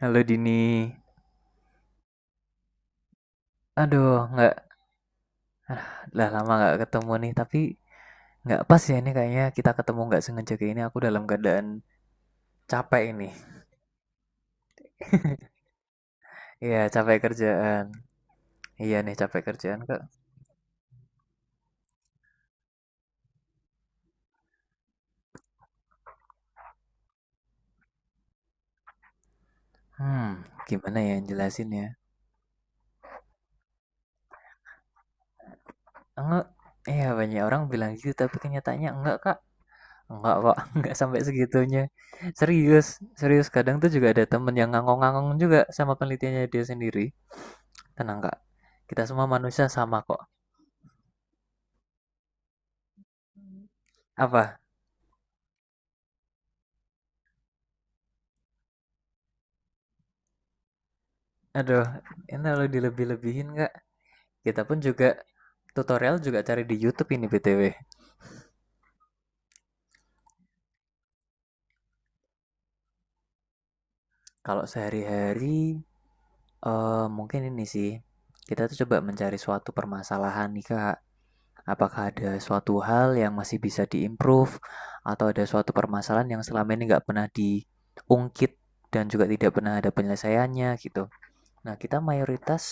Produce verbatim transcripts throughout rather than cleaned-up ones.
Halo Dini. Aduh, nggak lah lama nggak ketemu nih. Tapi nggak pas ya ini kayaknya kita ketemu nggak sengaja kayak ini. Aku dalam keadaan capek ini. Iya, capek kerjaan. Iya nih capek kerjaan kak. Hmm, gimana ya yang jelasin ya? Enggak. Iya banyak orang bilang gitu, tapi kenyataannya enggak kak. Enggak kok, enggak sampai segitunya. Serius, serius. Kadang tuh juga ada temen yang ngangong-ngangong juga sama penelitiannya dia sendiri. Tenang kak, kita semua manusia sama kok. Apa? Aduh, ini kalau dilebih-lebihin nggak? Kita pun juga tutorial juga cari di YouTube ini B T W. Kalau sehari-hari, eh mungkin ini sih. Kita tuh coba mencari suatu permasalahan nih Kak. Apakah ada suatu hal yang masih bisa diimprove atau ada suatu permasalahan yang selama ini nggak pernah diungkit dan juga tidak pernah ada penyelesaiannya gitu. Nah, kita mayoritas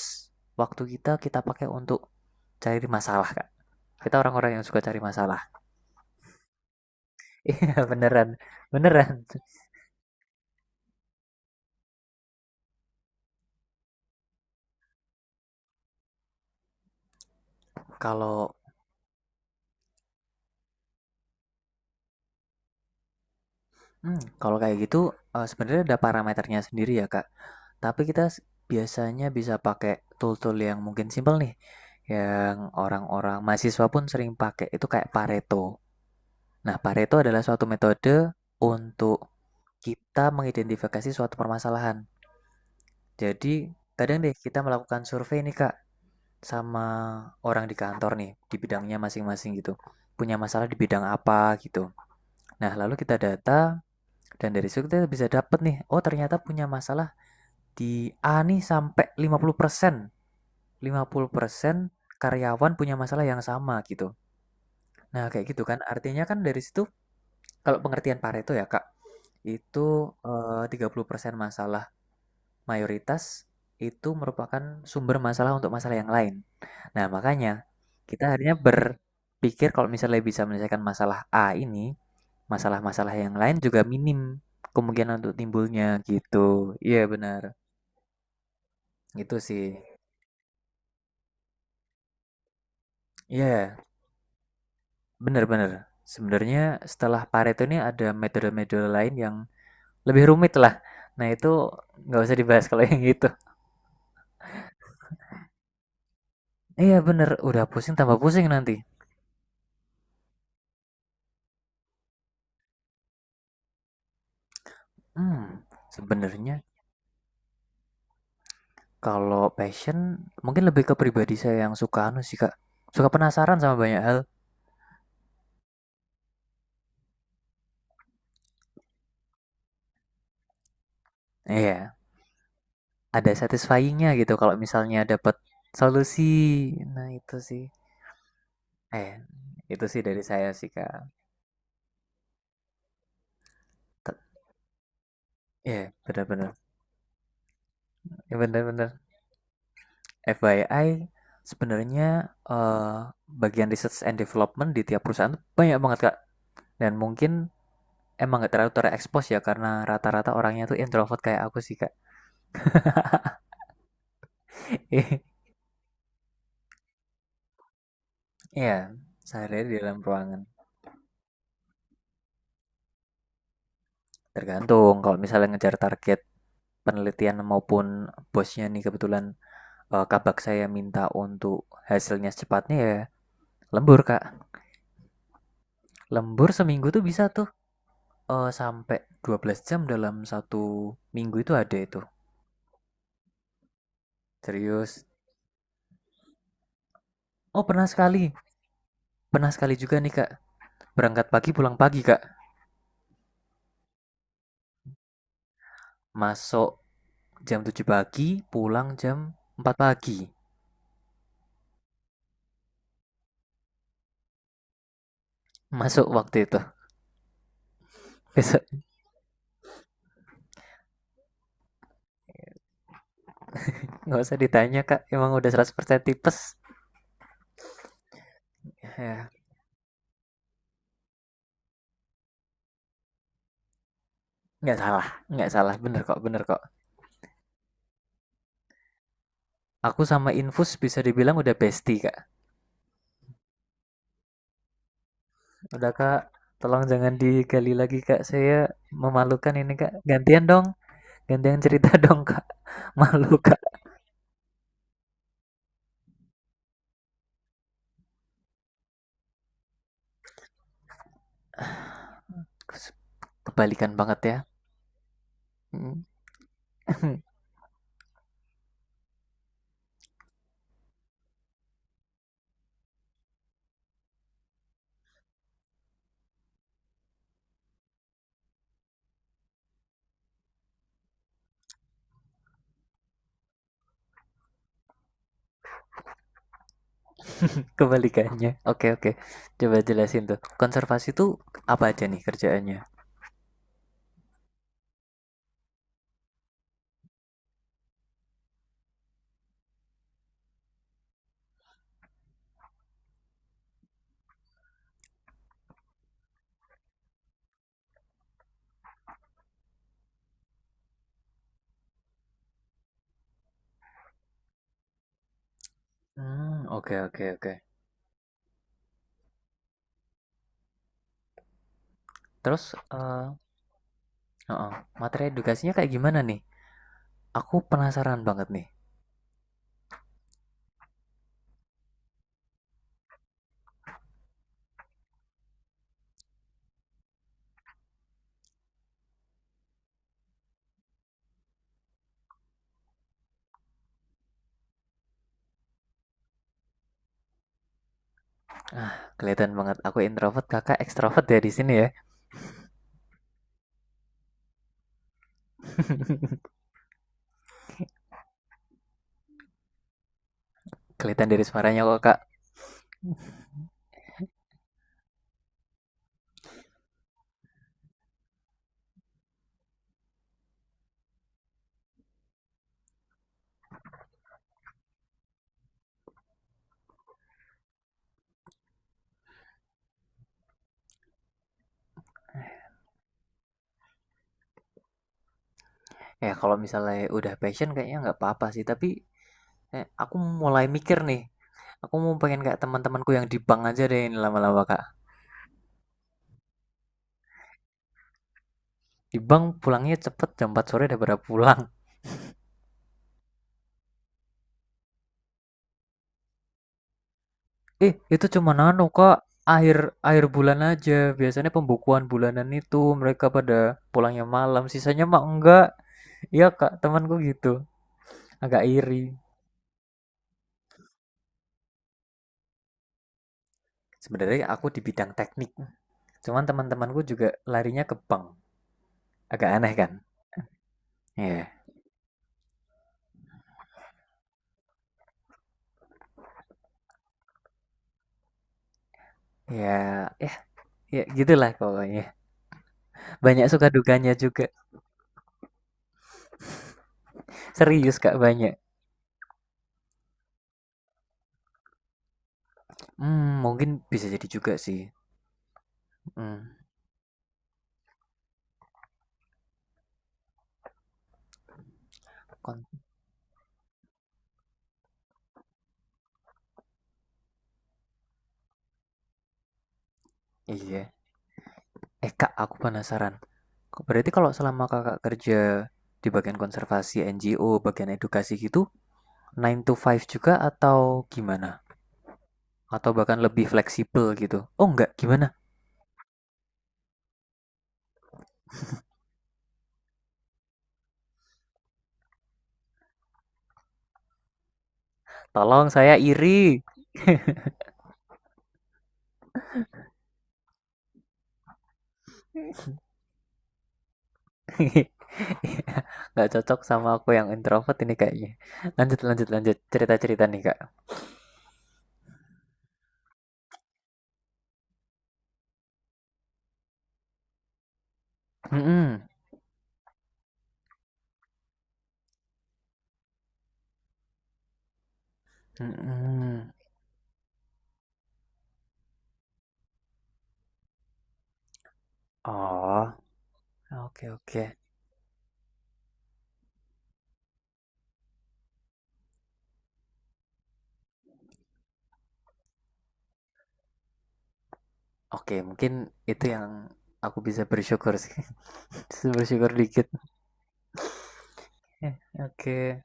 waktu kita kita pakai untuk cari masalah, Kak. Kita orang-orang yang suka cari masalah. Iya beneran, beneran. Kalau hmm, kalau kayak gitu, eh, sebenarnya ada parameternya sendiri ya Kak. Tapi kita s- biasanya bisa pakai tool-tool yang mungkin simpel nih, yang orang-orang mahasiswa pun sering pakai. Itu kayak Pareto. Nah, Pareto adalah suatu metode untuk kita mengidentifikasi suatu permasalahan. Jadi, kadang deh kita melakukan survei nih Kak sama orang di kantor nih di bidangnya masing-masing gitu. Punya masalah di bidang apa gitu. Nah, lalu kita data dan dari situ kita bisa dapat nih, oh ternyata punya masalah di A nih sampai lima puluh persen. lima puluh persen karyawan punya masalah yang sama gitu. Nah, kayak gitu kan. Artinya kan dari situ kalau pengertian Pareto ya, Kak, itu eh, tiga puluh persen masalah mayoritas itu merupakan sumber masalah untuk masalah yang lain. Nah, makanya kita akhirnya berpikir kalau misalnya bisa menyelesaikan masalah A ini, masalah-masalah yang lain juga minim kemungkinan untuk timbulnya gitu. Iya, benar. Itu sih. Iya, benar-benar. Sebenarnya setelah Pareto ini ada metode-metode lain yang lebih rumit lah. Nah, itu nggak usah dibahas kalau yang itu. Iya, benar. Udah pusing tambah pusing nanti. Hmm, sebenarnya kalau passion mungkin lebih ke pribadi saya yang suka anu sih, Kak. Suka penasaran sama banyak hal. Iya, ada satisfyingnya gitu kalau misalnya dapat solusi. Nah, itu sih. Eh, itu sih dari saya sih, Kak. Te- Iya, benar-benar. Iya, benar-benar. F Y I, sebenarnya eh, bagian research and development di tiap perusahaan tuh banyak banget, Kak. Dan mungkin emang nggak terlalu terekspos ya karena rata-rata orangnya tuh introvert kayak aku sih, Kak. Iya, sehari di dalam ruangan. Tergantung kalau misalnya ngejar target penelitian maupun bosnya nih kebetulan, eh, kabak saya minta untuk hasilnya secepatnya, ya lembur kak. Lembur seminggu tuh bisa tuh, eh, sampai dua belas jam dalam satu minggu itu ada itu. Serius. Oh pernah sekali, pernah sekali juga nih kak, berangkat pagi pulang pagi kak. Masuk jam tujuh pagi, pulang jam empat pagi, masuk waktu itu. Besok nggak usah ditanya kak, emang udah seratus persen tipes, ya ya. Nggak salah, nggak salah, bener kok, bener kok. Aku sama infus bisa dibilang udah bestie kak. Udah Kak, tolong jangan digali lagi Kak. Saya memalukan ini Kak. Gantian dong, gantian cerita dong Kak. Malu Kak. Kebalikan banget ya. Kebalikannya. Oke oke. Coba jelasin tuh. Konservasi tuh apa aja nih kerjaannya? Hmm, oke oke oke. Terus, eh heeh, materi edukasinya kayak gimana nih? Aku penasaran banget nih. Ah, kelihatan banget aku introvert, kakak ekstrovert ya di sini ya. Kelihatan dari suaranya kok, Kak. Ya kalau misalnya udah passion kayaknya nggak apa-apa sih, tapi kayak aku mulai mikir nih. Aku mau pengen kayak teman-temanku yang di bank aja deh ini lama-lama, Kak. Di bank pulangnya cepet jam empat sore udah pada pulang. Eh, itu cuma nano, Kak. Akhir akhir bulan aja. Biasanya pembukuan bulanan itu mereka pada pulangnya malam, sisanya mah enggak. Iya, Kak, temanku gitu. Agak iri. Sebenarnya aku di bidang teknik, cuman teman-temanku juga larinya ke bank. Agak aneh kan? Iya. Yeah. Ya, yeah. Ya, gitulah pokoknya. Banyak suka dukanya juga. Serius Kak, banyak. Hmm, mungkin bisa jadi juga sih. Hmm, kon- iya. Eh Kak, aku penasaran. Kok- Berarti kalau selama Kakak kerja di bagian konservasi N G O, bagian edukasi gitu, nine to five juga atau gimana? Atau bahkan lebih fleksibel gitu? Oh enggak, gimana? Tolong saya iri. Nggak cocok sama aku yang introvert ini kayaknya. Lanjut, lanjut, lanjut. Cerita-cerita nih Kak. Mm-mm. Mm-mm. Oh, oke oke. Oke, mungkin itu yang aku bisa bersyukur sih. Bisa bersyukur dikit. Eh, Oke.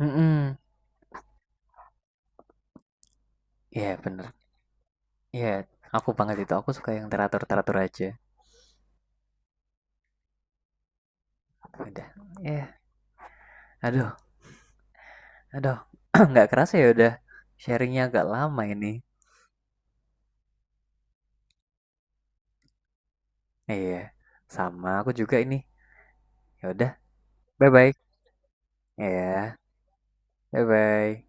Mm-mm. Iya, bener. Iya, aku banget itu. Aku suka yang teratur-teratur aja. Udah. Iya. Aduh, aduh. Nggak kerasa ya udah sharingnya agak lama ini. Iya. Sama aku juga ini. Ya udah. Bye-bye. Iya. Bye-bye.